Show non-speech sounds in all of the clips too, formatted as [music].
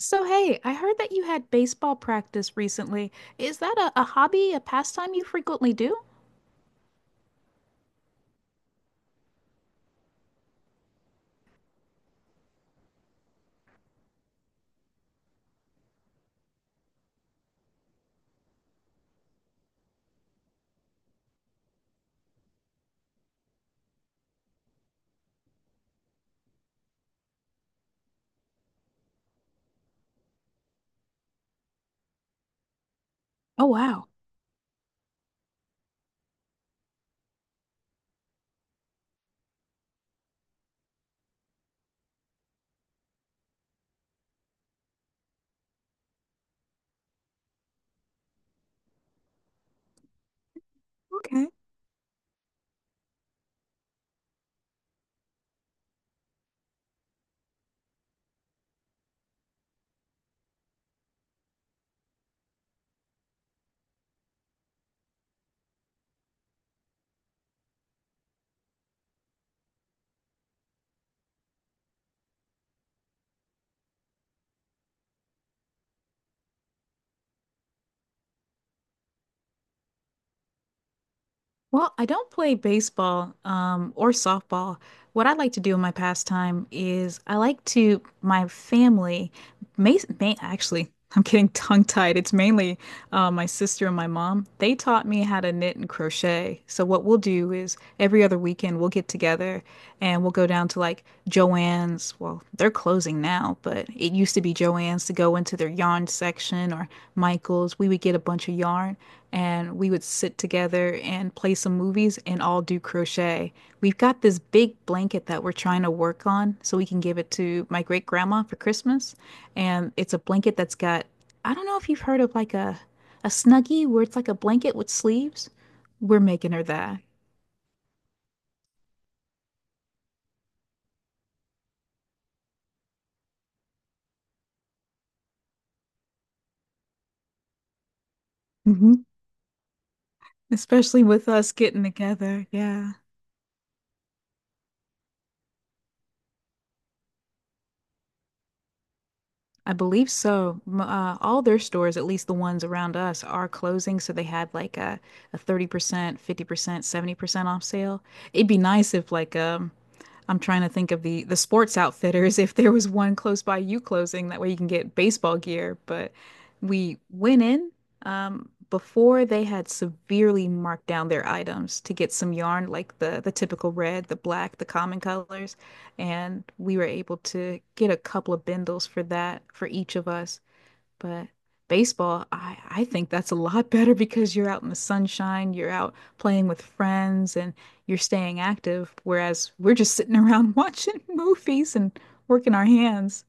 So, hey, I heard that you had baseball practice recently. Is that a hobby, a pastime you frequently do? Oh, wow. Okay. Well, I don't play baseball, or softball. What I like to do in my pastime is I like to, my family, actually, [laughs] I'm getting tongue-tied. It's mainly my sister and my mom. They taught me how to knit and crochet. So what we'll do is every other weekend we'll get together and we'll go down to like Joann's. Well, they're closing now, but it used to be Joann's to go into their yarn section or Michael's. We would get a bunch of yarn and we would sit together and play some movies and all do crochet. We've got this big blanket that we're trying to work on so we can give it to my great grandma for Christmas. And it's a blanket that's got, I don't know if you've heard of like a snuggie where it's like a blanket with sleeves. We're making her that. Hmm. Especially with us getting together. Yeah. I believe so. All their stores, at least the ones around us, are closing. So they had like a 30%, 50%, 70% off sale. It'd be nice if like I'm trying to think of the sports outfitters if there was one close by you closing that way you can get baseball gear. But we went in before they had severely marked down their items to get some yarn, like the typical red, the black, the common colors, and we were able to get a couple of bindles for that for each of us. But baseball, I think that's a lot [laughs] better because you're out in the sunshine, you're out playing with friends, and you're staying active, whereas we're just sitting around [laughs] watching movies and working our hands.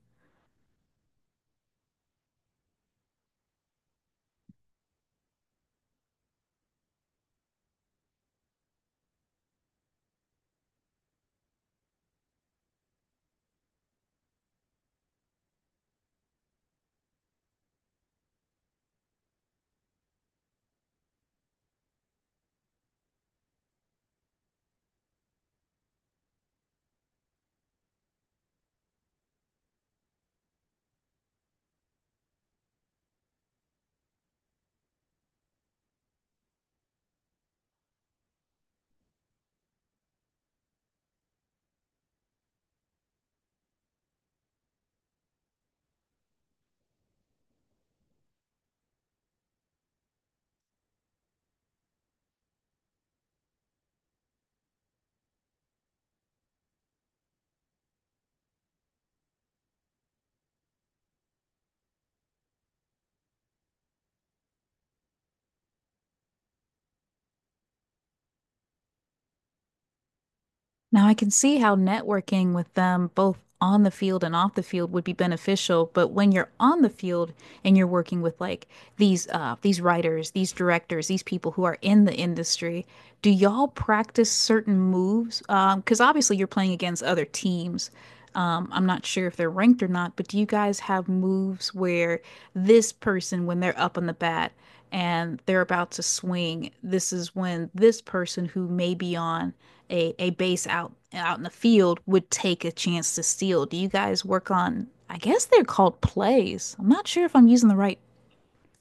Now, I can see how networking with them both on the field and off the field would be beneficial, but when you're on the field and you're working with like these these writers, these directors, these people who are in the industry, do y'all practice certain moves? Because obviously you're playing against other teams. I'm not sure if they're ranked or not, but do you guys have moves where this person, when they're up on the bat and they're about to swing, this is when this person who may be on a base out in the field would take a chance to steal? Do you guys work on, I guess they're called plays. I'm not sure if I'm using the right.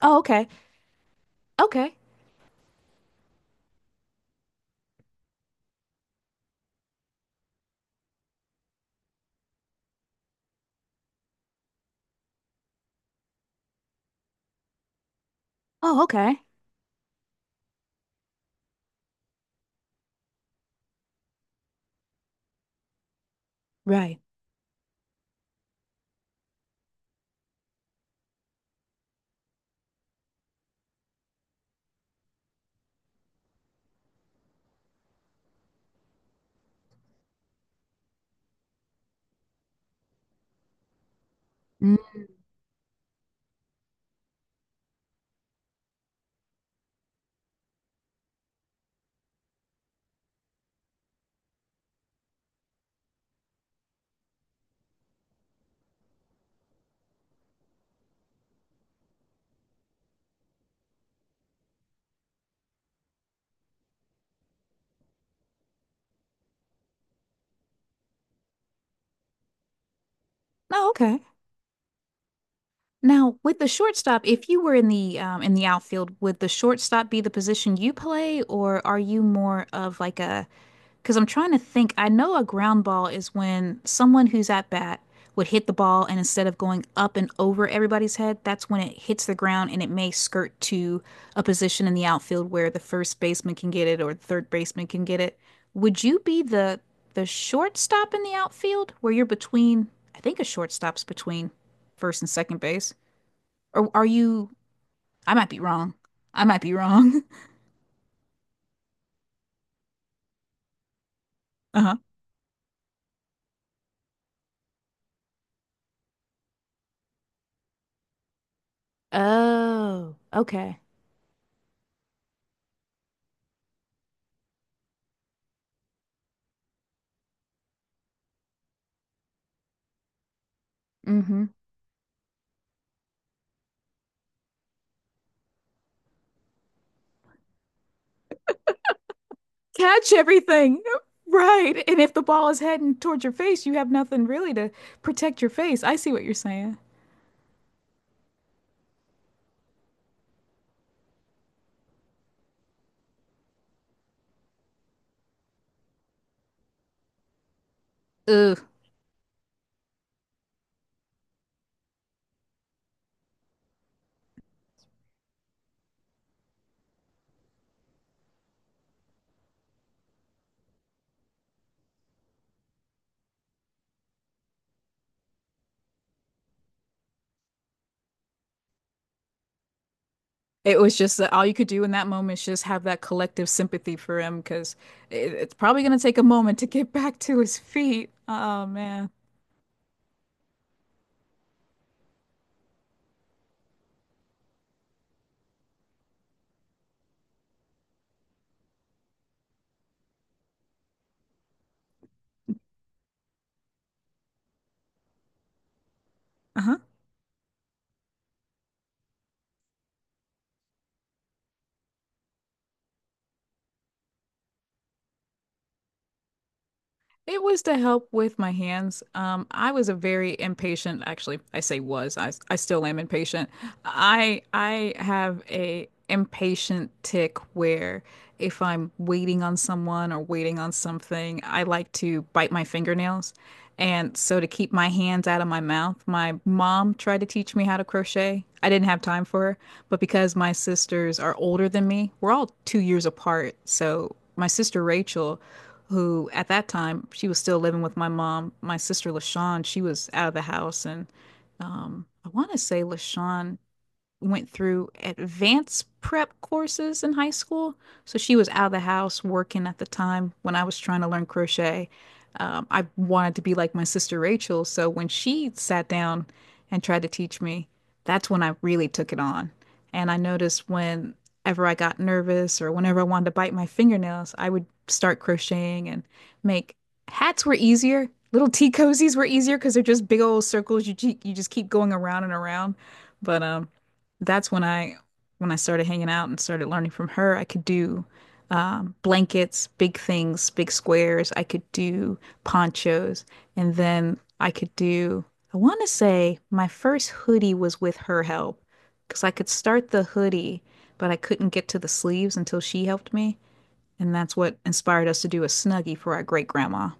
Oh, okay. Okay. Oh, okay. Right. Mm. Oh, okay. Now, with the shortstop, if you were in the outfield, would the shortstop be the position you play, or are you more of like a? Because I'm trying to think. I know a ground ball is when someone who's at bat would hit the ball, and instead of going up and over everybody's head, that's when it hits the ground, and it may skirt to a position in the outfield where the first baseman can get it or the third baseman can get it. Would you be the shortstop in the outfield where you're between? I think a shortstop's between first and second base. Or are you? I might be wrong. I might be wrong. [laughs] Uh-huh. Oh, okay. Mm-hmm. Catch everything. [laughs] Right. And if the ball is heading towards your face, you have nothing really to protect your face. I see what you're saying. Ugh. It was just that all you could do in that moment is just have that collective sympathy for him because it, it's probably going to take a moment to get [laughs] back to his feet. Oh, man. Uh-huh. It was to help with my hands. I was a very impatient, actually, I say was, I still am impatient. I have a impatient tick where if I'm waiting on someone or waiting on something, I like to bite my fingernails. And so to keep my hands out of my mouth, my mom tried to teach me how to crochet. I didn't have time for her, but because my sisters are older than me, we're all 2 years apart. So my sister Rachel, who at that time she was still living with my mom. My sister LaShawn, she was out of the house, and I want to say LaShawn went through advanced prep courses in high school. So she was out of the house working at the time when I was trying to learn crochet. I wanted to be like my sister Rachel. So when she sat down and tried to teach me, that's when I really took it on. And I noticed whenever I got nervous or whenever I wanted to bite my fingernails, I would start crocheting and make hats were easier. Little tea cozies were easier because they're just big old circles you just keep going around and around. But that's when I started hanging out and started learning from her. I could do blankets, big things, big squares. I could do ponchos, and then I could do. I want to say my first hoodie was with her help because I could start the hoodie, but I couldn't get to the sleeves until she helped me, and that's what inspired us to do a snuggie for our great grandma.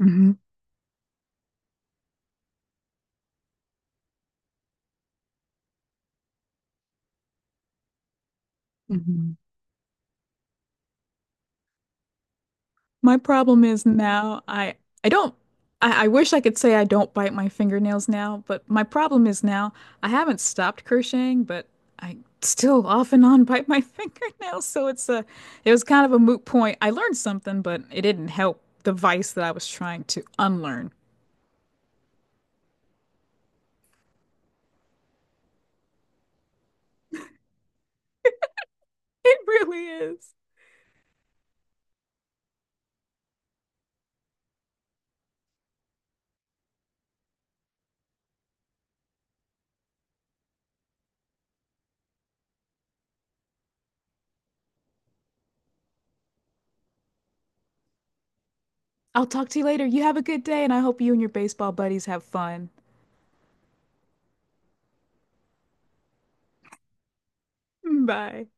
Hmm. My problem is now I don't I wish I could say I don't bite my fingernails now, but my problem is now I haven't stopped crocheting, but I still off and on bite my [laughs] fingernails, so it's a it was kind of a moot point. I learned something, but it didn't help the vice that I was trying to unlearn. [laughs] It really is. I'll talk to you later. You have a good day, and I hope you and your baseball buddies have fun. Bye.